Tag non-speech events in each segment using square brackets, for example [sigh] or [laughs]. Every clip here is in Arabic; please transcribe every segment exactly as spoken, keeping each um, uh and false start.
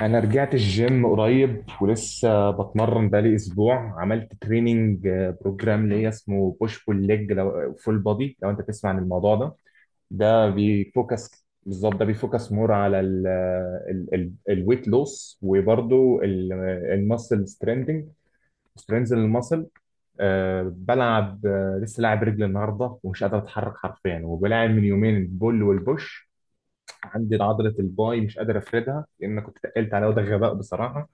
انا رجعت الجيم قريب ولسه بتمرن بقالي اسبوع. عملت تريننج بروجرام ليا اسمه بوش بول ليج لو فول بودي. لو انت تسمع عن الموضوع ده، ده بيفوكس، بالظبط ده بيفوكس مور على الويت لوس وبرضه الماسل ستريندنج، سترينز الماسل. بلعب آه، لسه لاعب رجل النهارده ومش قادر اتحرك حرفيا، وبلاعب من يومين البول والبوش. عندي عضله الباي مش قادر افردها لان كنت تقلت عليها وده غباء بصراحه.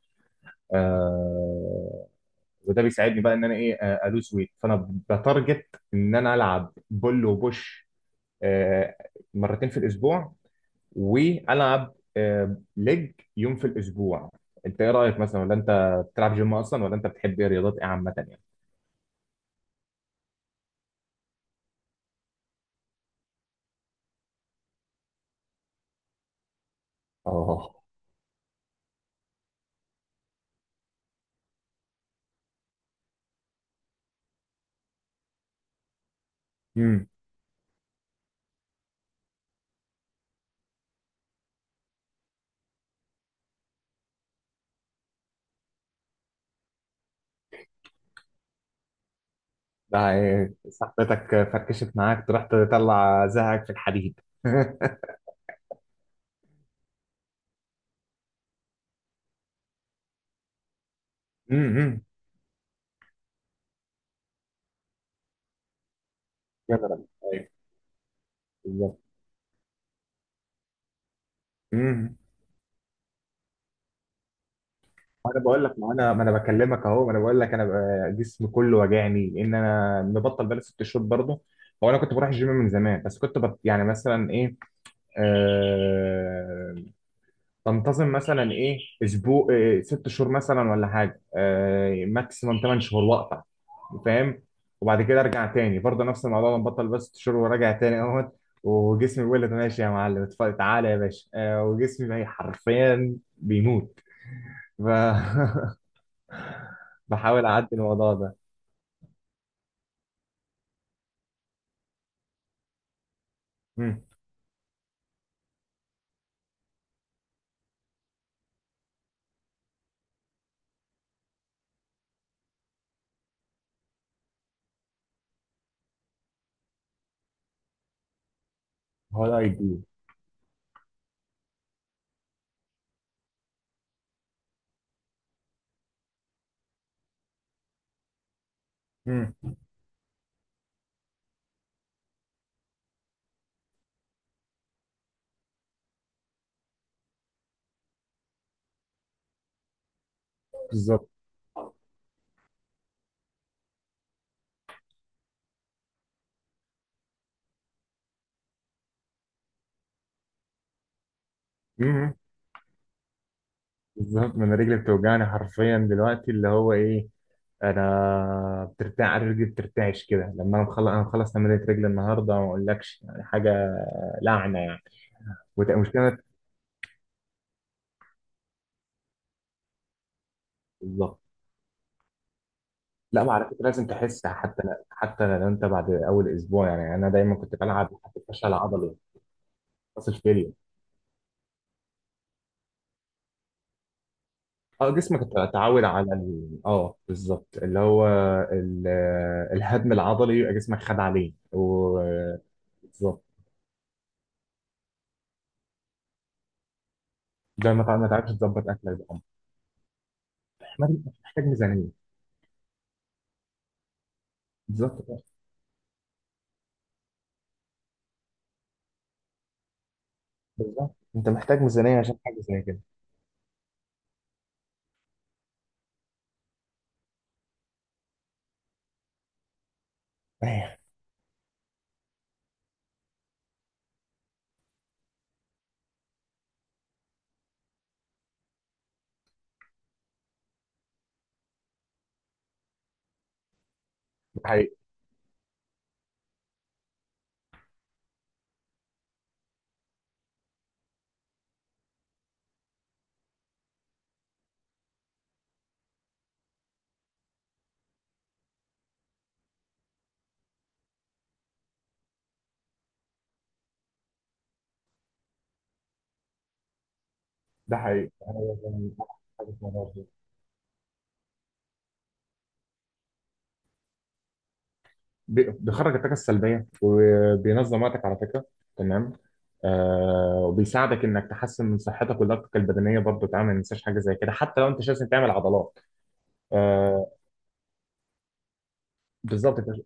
آه. وده بيساعدني بقى ان انا ايه، آه، الوز ويت، فانا بتارجت ان انا العب بول وبوش. آه. مرتين في الاسبوع. والعب آه ليج يوم في الاسبوع. انت ايه رايك مثلا؟ ولا انت بتلعب جيم اصلا؟ ولا انت بتحب ايه رياضات ايه عامه يعني؟ اه. امم ده إيه، صاحبتك فركشت معاك تروح تطلع زهقك في الحديد [laughs] امم جنرال. ايوه. بالظبط. انا بقول لك، ما انا ما انا بكلمك اهو، ما انا بقول لك انا بقى جسمي كله وجعني ان انا مبطل بقالي ست شهور برضه. هو انا كنت بروح الجيم من زمان بس كنت بط... يعني مثلا ايه، آه... بنتظم مثلا ايه، اسبوع، آه... ست شهور مثلا ولا حاجه، آه... ماكسيمم ثمان شهور واقطع، فاهم؟ وبعد كده ارجع تاني برضه نفس الموضوع، بنبطل بس ست شهور وراجع تاني اهوت. وجسمي بيقول لي ماشي يا معلم اتفضل، تعالى يا باشا. آه... وجسمي بقى حرفيا بيموت. ف... [laughs] بحاول اعدي الموضوع ده. مم. هو ده ايدي. مم. بالظبط. مم. بالظبط، ما انا رجلي بتوجعني حرفيا دلوقتي اللي هو ايه، انا بترتاع، رجلي بترتعش كده لما انا مخلص انا مخلص تمرينة رجلي النهارده ما اقولكش يعني حاجه، لعنه يعني، ومشكله. بالظبط. لا ما على فكره لازم تحس حتى، حتى لو انت بعد اول اسبوع، يعني انا دايما كنت بلعب حتى الفشل العضلي. فاصل فيليا. اه جسمك ات- اتعود على ال... اه بالظبط اللي هو ال... الهدم العضلي، يبقى جسمك خد عليه و... بالظبط. ده ما تع- ما تعرفش تظبط اكلك بقى. محتاج، محتاج ميزانيه، بالظبط كده. بالظبط انت محتاج ميزانيه عشان حاجه زي كده. [laughs] ايوه. ده حقيقي. ده حقيقي، أنا لازم أعمل حاجة في الموضوع ده. بي- بيخرج الطاقه السلبيه وبينظم وقتك على فكره، تمام. آه وبيساعدك انك تحسن من صحتك ولياقتك البدنيه برضه، تعمل ما تنساش حاجه زي كده حتى لو انت مش لازم تعمل عضلات. آه، بالظبط كده.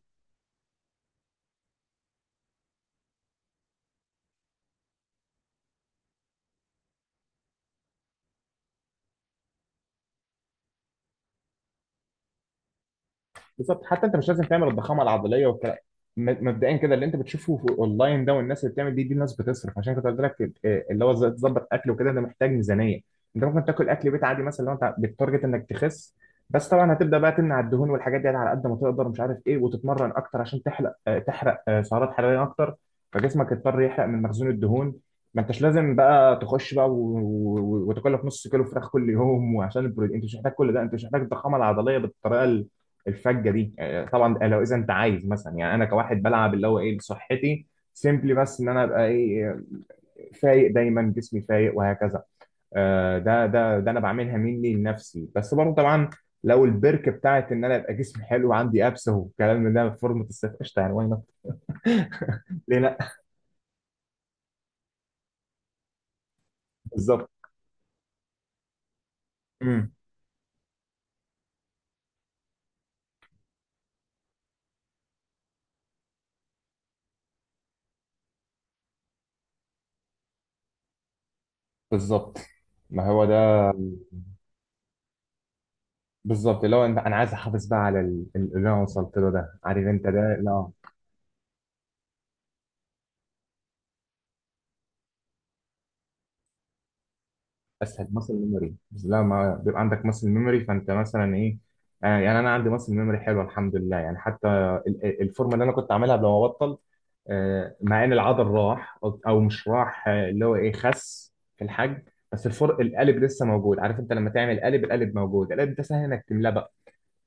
بالظبط، حتى انت مش لازم تعمل الضخامه العضليه والكلام. م- مبدئيا كده اللي انت بتشوفه في اونلاين ده والناس اللي بتعمل دي دي الناس بتصرف، عشان كنت قلت لك آه، اللي هو ازاي تظبط اكل وكده، ده محتاج ميزانيه. انت ممكن تاكل اكل بيت عادي مثلا لو انت بالتارجت انك تخس. بس طبعا هتبدا بقى تمنع الدهون والحاجات دي على قد ما تقدر، مش عارف ايه، وتتمرن اكتر عشان تحرق آه، تحرق آه، سعرات حراريه اكتر، فجسمك يضطر يحرق من مخزون الدهون. ما انتش لازم بقى تخش بقى و- و- و- وتاكل لك نص كيلو فراخ كل يوم وعشان البروتين، انت مش محتاج كل ده، انت مش محتاج الضخامه العضليه بالطريقه الفجه دي. آه، طبعا آه، لو اذا انت عايز، مثلا يعني انا كواحد بلعب اللي هو ايه لصحتي، سيمبلي، بس ان انا ابقى ايه، فايق، دايما جسمي فايق وهكذا. آه، ده ده ده انا بعملها مني لنفسي، بس برضه طبعا لو البرك بتاعت ان انا ابقى جسمي حلو وعندي ابس والكلام من ده في فورمه الصيف، قشطه يعني، واي نوت، ليه لا. بالظبط. امم. بالظبط. ما هو ده. بالظبط اللي هو انت- انا عايز احافظ بقى على ال- ال- اللي انا وصلت له ده، عارف انت ده؟ لا اسهل، ماسل ميموري. بس لا ما بيبقى عندك ماسل ميموري فانت مثلا ايه، يعني يعني انا عندي ماسل ميموري حلوه الحمد لله، يعني حتى ال- ال- الفورمه اللي انا كنت عاملها قبل ما ابطل، آه، مع ان العضل راح او أو مش راح، آه، اللي هو ايه، خس في الحجم بس الفرق القالب لسه موجود، عارف انت لما تعمل قالب، القالب موجود، القالب ده سهل انك تملاه بقى،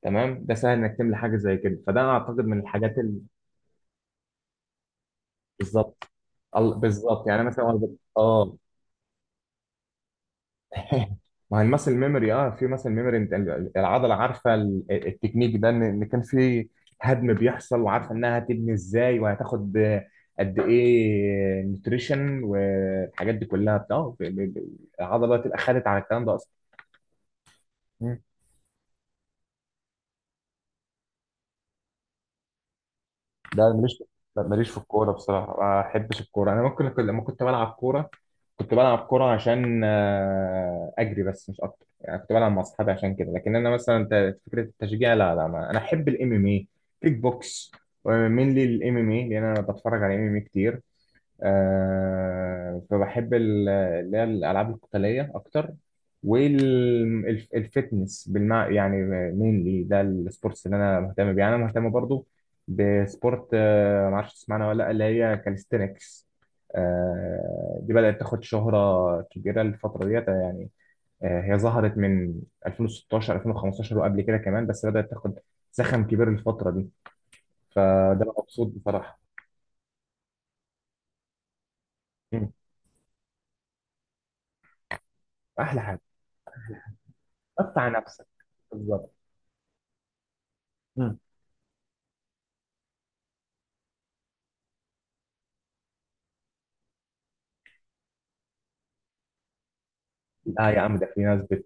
تمام، ده سهل انك تملى حاجه زي كده، فده انا اعتقد من الحاجات ال- بالظبط ال- بالظبط. يعني مثلا وأنا بت- اه [laughs] ما هي المسل ميموري، اه في مسل ميموري، انت ال- العضله عارفه ال- التكنيك ده ان إن كان في هدم بيحصل، وعارفه انها هتبني ازاي وهتاخد قد ايه نوتريشن والحاجات دي كلها بتاع ب- ب- ب- العضله تبقى خدت على الكلام ده اصلا. لا أنا ماليش. لا، ماليش في الكورة بصراحة، ما بحبش الكورة. أنا ممكن كنت- لما كنت بلعب كورة، كنت بلعب كورة عشان آه، أجري بس، مش أكتر، يعني كنت بلعب مع أصحابي عشان كده، لكن أنا مثلا ت- فكرة التشجيع لا لا ما. أنا أحب الإم إم إيه، كيك بوكس، ومين لي الإم إم إيه لأن أنا بتفرج على إم إم إيه كتير، آه، فبحب ال- اللي هي الألعاب القتالية أكتر، والفتنس بالمع يعني، مينلي ده السبورتس اللي أنا مهتم بيه. يعني أنا مهتم برضو بسبورت، آه، معرفش تسمعنا ولا لأ، اللي هي كاليستينكس. آه، دي بدأت تاخد شهرة كبيرة الفترة ديت يعني. آه، هي ظهرت من ألفين وستاشر ألفين وخمسة عشر وقبل كده كمان، بس بدأت تاخد زخم كبير الفترة دي، فده أنا مبسوط بصراحة. مم. أحلى حاجة، قطع نفسك، بالظبط. مم. لا يا عم ده في ناس بت،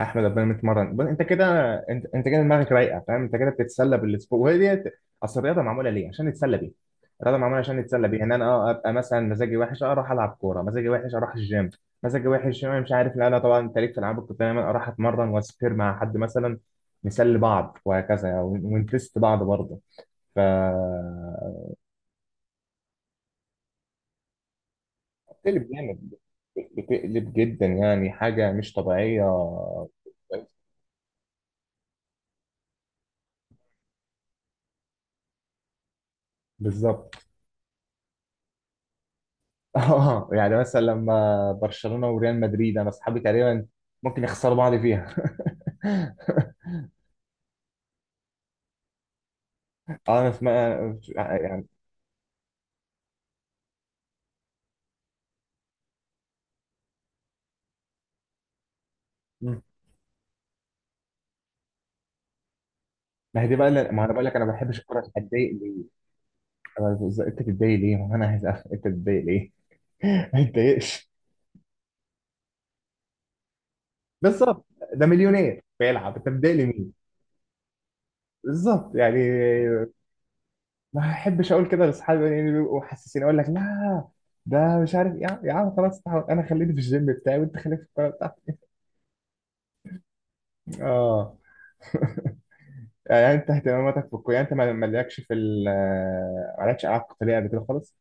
احمد ربنا متمرن. بص انت كده، انت انت كده دماغك رايقه، فاهم؟ انت كده بتتسلى بالسبور، وهي دي اصل الرياضه معموله ليه، عشان نتسلى بيها، الرياضه معموله عشان نتسلى بيها، ان انا اه ابقى مثلا مزاجي وحش، آه، اروح العب كوره، مزاجي وحش اروح الجيم، مزاجي وحش، انا مش عارف، لا لا طبعا. انت ليك في العاب، كنت دايما اروح اتمرن واسبير مع حد مثلا، نسلي بعض وهكذا ون- ونتست بعض برضه. ف، بتقلب جامد، بتقلب جدا يعني، حاجه مش طبيعيه. بالظبط. [laughs] اه يعني مثلا لما برشلونة وريال مدريد، انا اصحابي تقريبا ممكن يخسروا بعض فيها. [laughs] اه انا اسمع يعني. مم. ما هي دي بقى اللي- ما انا بقول لك انا ما بحبش الكوره، اتضايق ليه؟ أنا بز- انت تتضايق ليه؟ ما هو انا عايز أفهم، انت تتضايق ليه؟ [laughs] ما تتضايقش، بالظبط، ده مليونير بيلعب، انت متضايق لمين؟ بالظبط يعني. ما احبش اقول كده لاصحابي، يعني بيبقوا حاسسين، اقول لك لا ده، مش عارف، يا يا عم خلاص، تعال، انا خليني في الجيم بتاعي وانت خليك في الكوره بتاعتك. اه. يعني يعني انت اهتماماتك في الكوره، يعني انت ما- مالكش في ال آه، مالكش العاب قتاليه قبل كده خالص،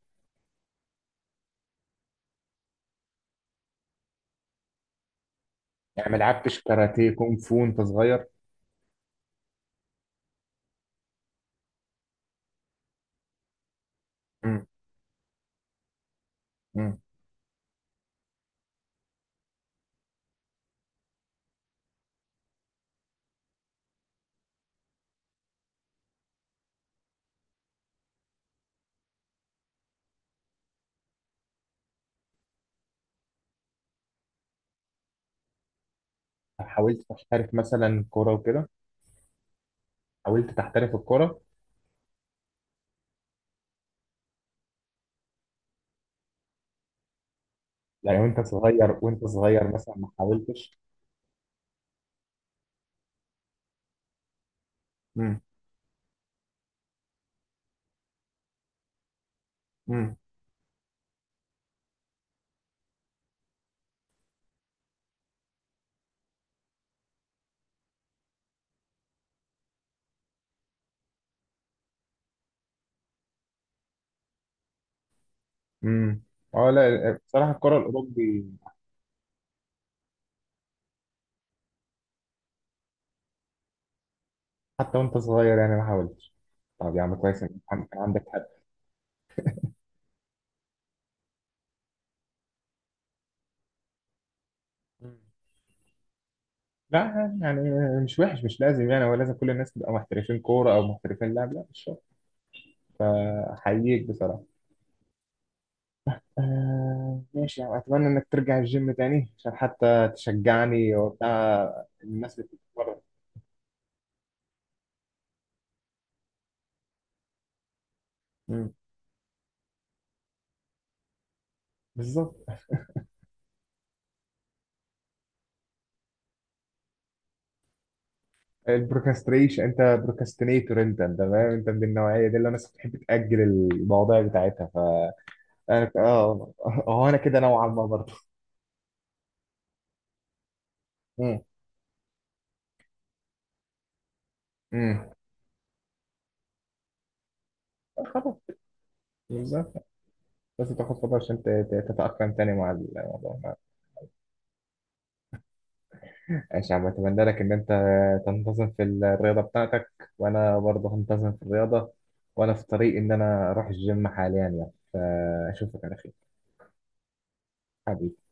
يعني ما لعبتش كاراتيه كونغ فو وانت صغير؟ مم. مم. حاولت تحترف مثلا كوره وكده؟ حاولت تحترف الكوره؟ يعني وانت صغير، وانت صغير مثلا ما حاولتش؟ مم. مم. امم. اه، لا بصراحه الكوره الاوروبي. حتى وانت صغير يعني ما حاولتش؟ طب يا عم كويس ان كان كان عندك حد. مم. لا يعني مش وحش، مش لازم يعني ولا لازم كل الناس تبقى محترفين كوره او محترفين لعب، لا مش شرط، فحييك بصراحة. آه ماشي يعني، أتمنى إنك ترجع الجيم تاني عشان حتى تشجعني وبتاع، الناس اللي بتتمرن. مم. بالظبط. البروكاستريشن، أنت بروكاستينيتور، أنت أنت فاهم، أنت من النوعية دي اللي الناس بتحب تأجل المواضيع بتاعتها. ف، أنا آه، هو أنا كده نوعا ما برضه. مم. مم. خلاص. بالظبط. بس تاخد فترة عشان ت- ت- تتأقلم تاني مع الموضوع. ماشي يا عم، اتمنى لك ان انت تنتظم في الرياضه بتاعتك، وانا برضه هنتظم في الرياضه، وانا في طريق ان انا اروح الجيم حاليا يعني، فاشوفك على خير حبيبي.